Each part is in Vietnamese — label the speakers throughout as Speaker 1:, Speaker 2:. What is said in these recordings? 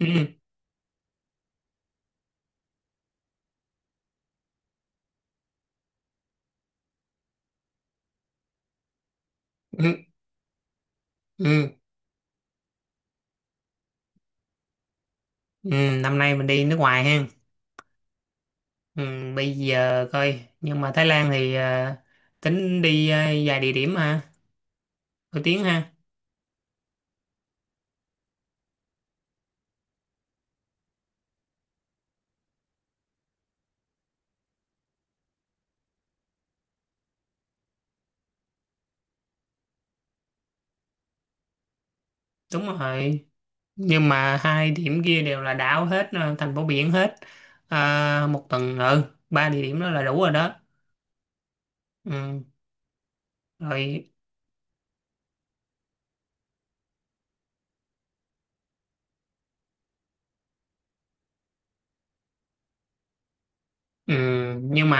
Speaker 1: Ừ, ừ, ừ, ừ. Năm nay mình đi nước ngoài ha. Ừ, bây giờ coi nhưng mà Thái Lan thì tính đi vài địa điểm ha nổi tiếng ha. Đúng rồi, nhưng mà hai điểm kia đều là đảo hết, thành phố biển hết. Một tuần, ba địa điểm đó là đủ rồi đó. Ừ, rồi. Ừ, nhưng mà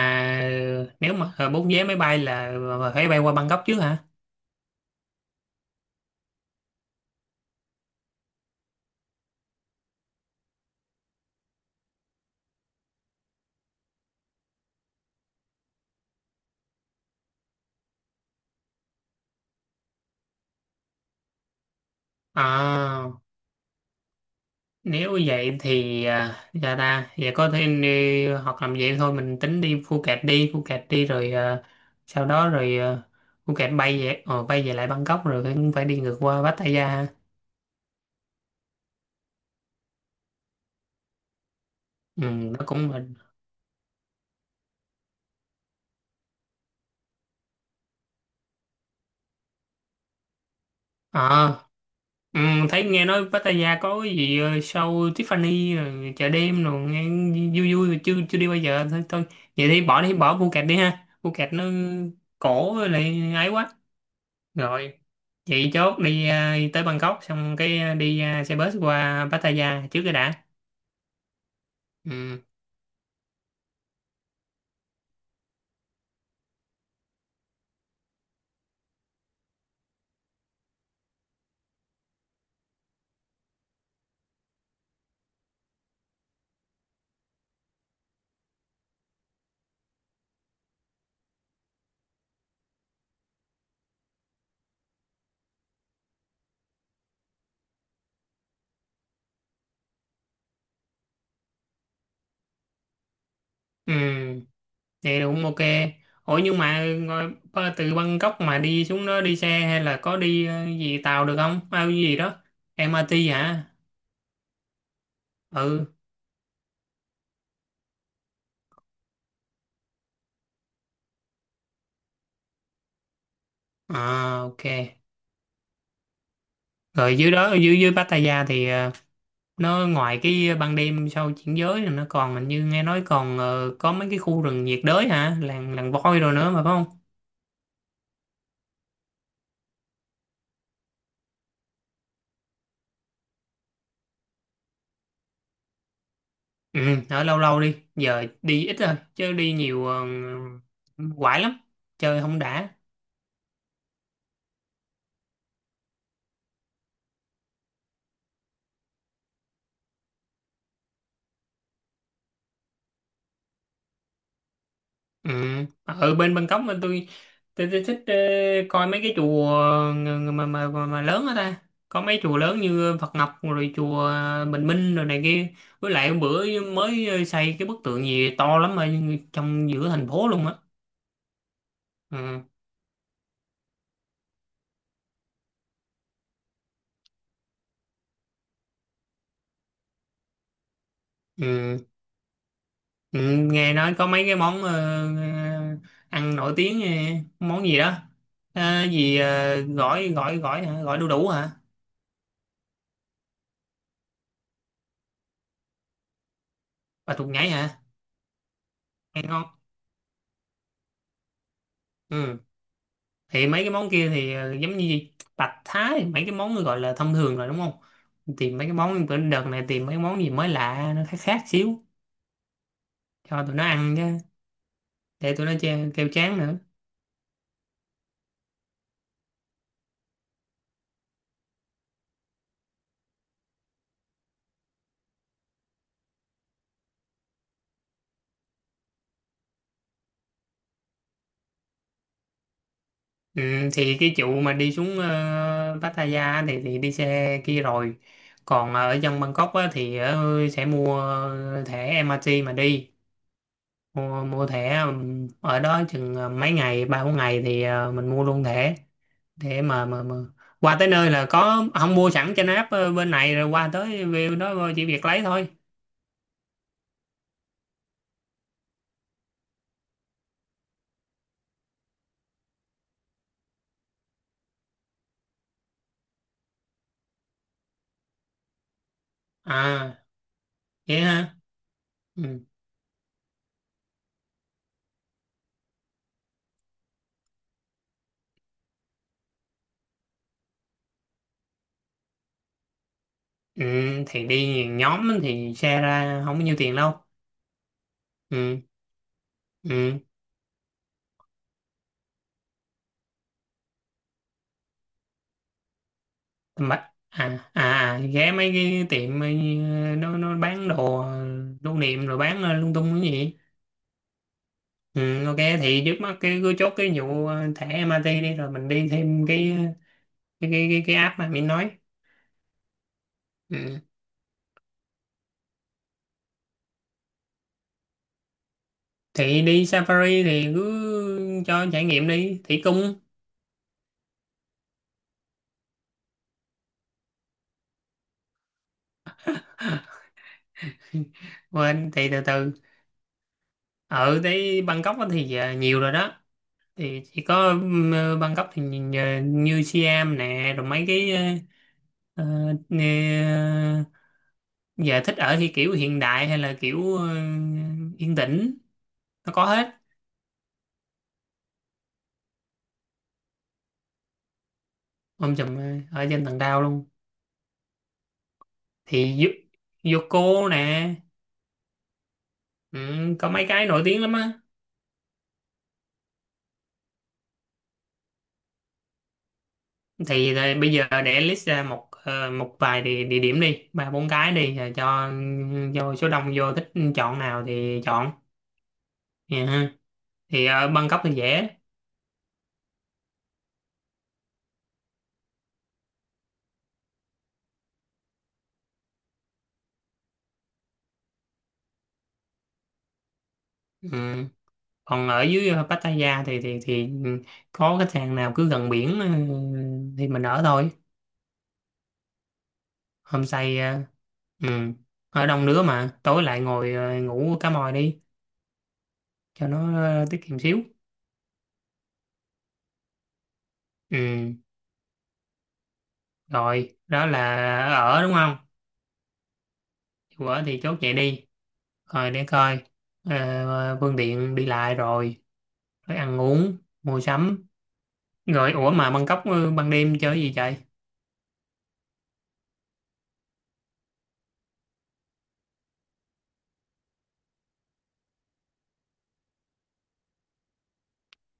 Speaker 1: nếu mà bút vé máy bay là phải bay qua Bangkok trước hả? À, nếu vậy thì dạ ta vậy có thể đi hoặc làm vậy thôi, mình tính đi Phuket, đi Phuket đi rồi. Sau đó rồi, Phuket bay về lại Bangkok rồi cũng phải đi ngược qua Pattaya ha. Ừ, nó cũng là à, ừ, thấy nghe nói Pattaya có cái gì show Tiffany rồi chợ đêm rồi nghe vui vui, mà chưa chưa đi bao giờ thôi thôi. Vậy thì bỏ Phuket đi ha, Phuket nó cổ với lại ấy quá. Rồi, chị chốt đi, đi tới Bangkok xong cái đi xe bus qua Pattaya trước cái đã. Ừ, ừ, vậy cũng ok. Ủa nhưng mà từ Bangkok mà đi xuống đó, đi xe hay là có đi gì tàu được không? Bao cái gì đó? MRT hả? Ừ, à, ok. Rồi dưới đó, dưới dưới Pattaya thì nó ngoài cái ban đêm sau chuyển giới là nó còn hình như nghe nói còn có mấy cái khu rừng nhiệt đới hả? Làng làng voi rồi nữa mà phải không? Ừ, ở lâu lâu đi, giờ đi ít thôi, chứ đi nhiều quải lắm, chơi không đã. Ừ, ở bên Bangkok mà tôi thích coi mấy cái chùa mà lớn ở ta. Có mấy chùa lớn như Phật Ngọc rồi chùa Bình Minh rồi này kia. Với lại hôm bữa mới xây cái bức tượng gì to lắm ở trong giữa thành phố luôn á. Ừ. Ừ. Ừ, nghe nói có mấy cái món ờ, ăn nổi tiếng, món gì đó, gỏi gỏi gỏi hả, gỏi đu đủ hả, và thuộc nhảy hả? Nghe ngon. Ừ. Thì mấy cái món kia thì giống như gì? Bạch thái mấy cái món gọi là thông thường rồi đúng không? Tìm mấy cái món, bữa đợt này tìm mấy cái món gì mới lạ, nó khác khác xíu cho tụi nó ăn chứ, để tụi nó kêu chán nữa. Ừ, thì cái vụ mà đi xuống Pattaya thì đi xe kia rồi. Còn ở dân Bangkok á, thì sẽ mua thẻ MRT mà đi. Mua thẻ, ở đó chừng mấy ngày, ba bốn ngày thì mình mua luôn thẻ để mà qua tới nơi là có, không mua sẵn trên app bên này rồi qua tới view đó chỉ việc lấy thôi. À vậy hả. Ừ. Ừ, thì đi nhiều nhóm thì xe ra không có nhiêu tiền đâu. Ừ. Ừ. Mà ghé mấy cái tiệm nó bán đồ lưu niệm rồi bán lung tung cái gì. Ừ, ok, thì trước mắt cái cứ chốt cái vụ thẻ MRT đi rồi mình đi thêm cái cái app mà mình nói. Ừ. Thì đi Safari thì cứ cho trải nghiệm đi thủy cung. Quên thì từ từ. Ở tới Bangkok á thì nhiều rồi đó. Thì chỉ có Bangkok thì nhìn như Siam nè rồi mấy cái ờ, giờ thích ở thì kiểu hiện đại hay là kiểu yên tĩnh, nó có hết. Ông chùm ở trên tầng cao luôn, thì Yoko nè. Ừ, có mấy cái nổi tiếng lắm á. Thì bây giờ để list ra một một vài địa điểm đi, ba bốn cái đi rồi cho số đông vô thích chọn nào thì chọn. Dạ ha. Thì ở Bangkok thì dễ. Ừ. Còn ở dưới Pattaya thì thì có khách sạn nào cứ gần biển thì mình ở thôi. Hôm say ừ, ở đông đứa mà tối lại ngồi ngủ cá mòi đi, cho nó tiết kiệm xíu. Ừ, rồi đó là ở đúng không? Dù ở thì chốt vậy đi, rồi để coi phương tiện đi lại, rồi rồi ăn uống, mua sắm. Rồi ủa, mà Bangkok ban đêm chơi gì vậy?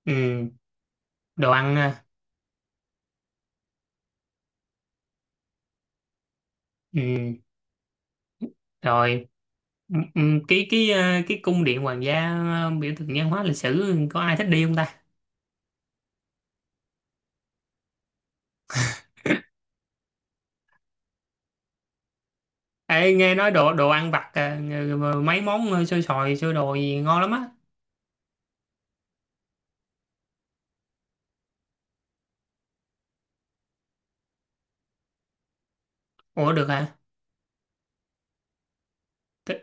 Speaker 1: Ừ, đồ ăn à. Ừ, rồi. Ừ, ừ, cái cái cung điện hoàng gia biểu tượng văn hóa lịch sử, có ai thích đi không ta? Ê, nghe nói đồ đồ ăn vặt mấy món xôi xoài, xôi đồ gì ngon lắm á. Ủa được hả? Thế-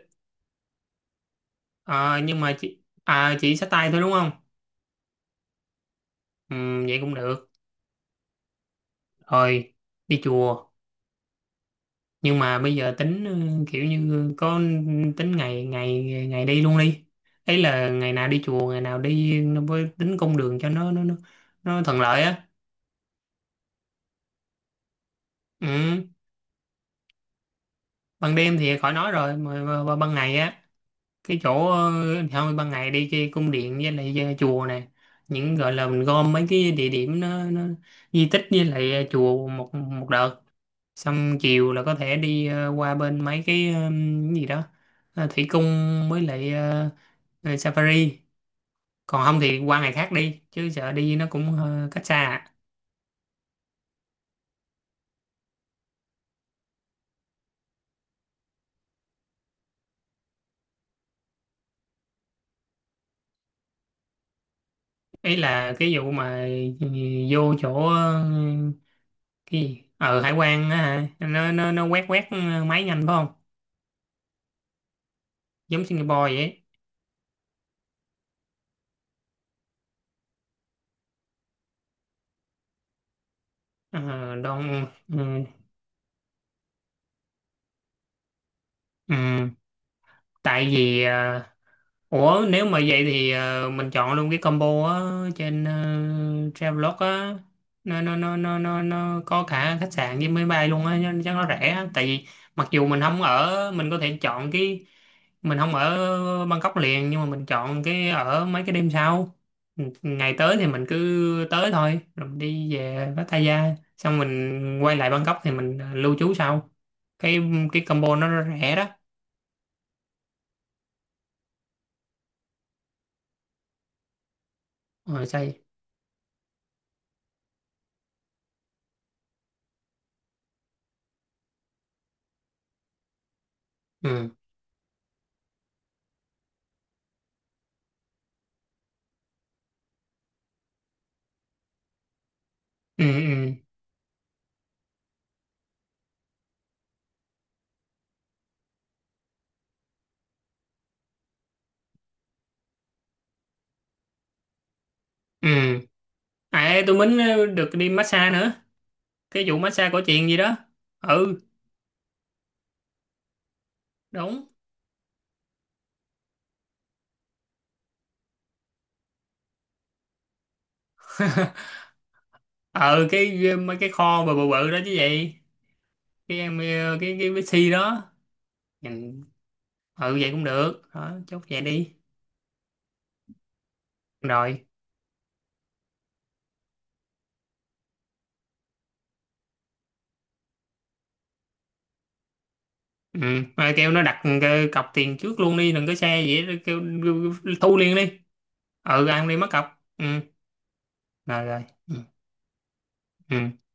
Speaker 1: à, nhưng mà chị xách tay thôi đúng không? Ừ, vậy cũng được. Rồi. Đi chùa. Nhưng mà bây giờ tính kiểu như có tính ngày ngày, đi luôn đi, ấy là ngày nào đi chùa, ngày nào đi nó, với tính cung đường cho nó thuận lợi á. Ừ. Ban đêm thì khỏi nói rồi, mà ban ngày á cái chỗ thôi ban ngày đi cái cung điện với lại chùa nè, những gọi là mình gom mấy cái địa điểm nó di tích với lại chùa một một đợt. Xong chiều là có thể đi qua bên mấy cái cái gì đó, thủy cung, với lại safari. Còn không thì qua ngày khác đi chứ sợ đi nó cũng cách xa à. Ý là cái vụ mà ờ, vô chỗ cái gì ở hải quan á hả, nó quét quét máy nhanh phải không? Giống Singapore vậy. Ờ, Đông ừ. Ừ. Tại vì ủa nếu mà vậy thì mình chọn luôn cái combo á trên Travelog á, nó có cả khách sạn với máy bay luôn á, chắc nó rẻ á. Tại vì mặc dù mình không ở, mình có thể chọn cái, mình không ở Bangkok liền nhưng mà mình chọn cái ở mấy cái đêm sau. Ngày tới thì mình cứ tới thôi rồi mình đi về Pattaya, xong mình quay lại Bangkok thì mình lưu trú sau. cái cái combo nó rẻ đó. Rồi sao vậy? Ừ ừ ừ ừ. À, tôi mới được đi massage nữa. Cái vụ massage cổ truyền gì đó. Ừ, đúng. Ờ, cái mấy cái kho bự bự bự đó chứ gì. Cái em, cái si đó. Nhìn, ừ vậy cũng được. Đó, chốt vậy đi. Rồi. Ừ, mà kêu nó đặt cái cọc tiền trước luôn đi, đừng có xe gì hết, kêu thu liền đi. Ừ, ăn đi mất cọc. Ừ, rồi rồi. Ừ. Ừ.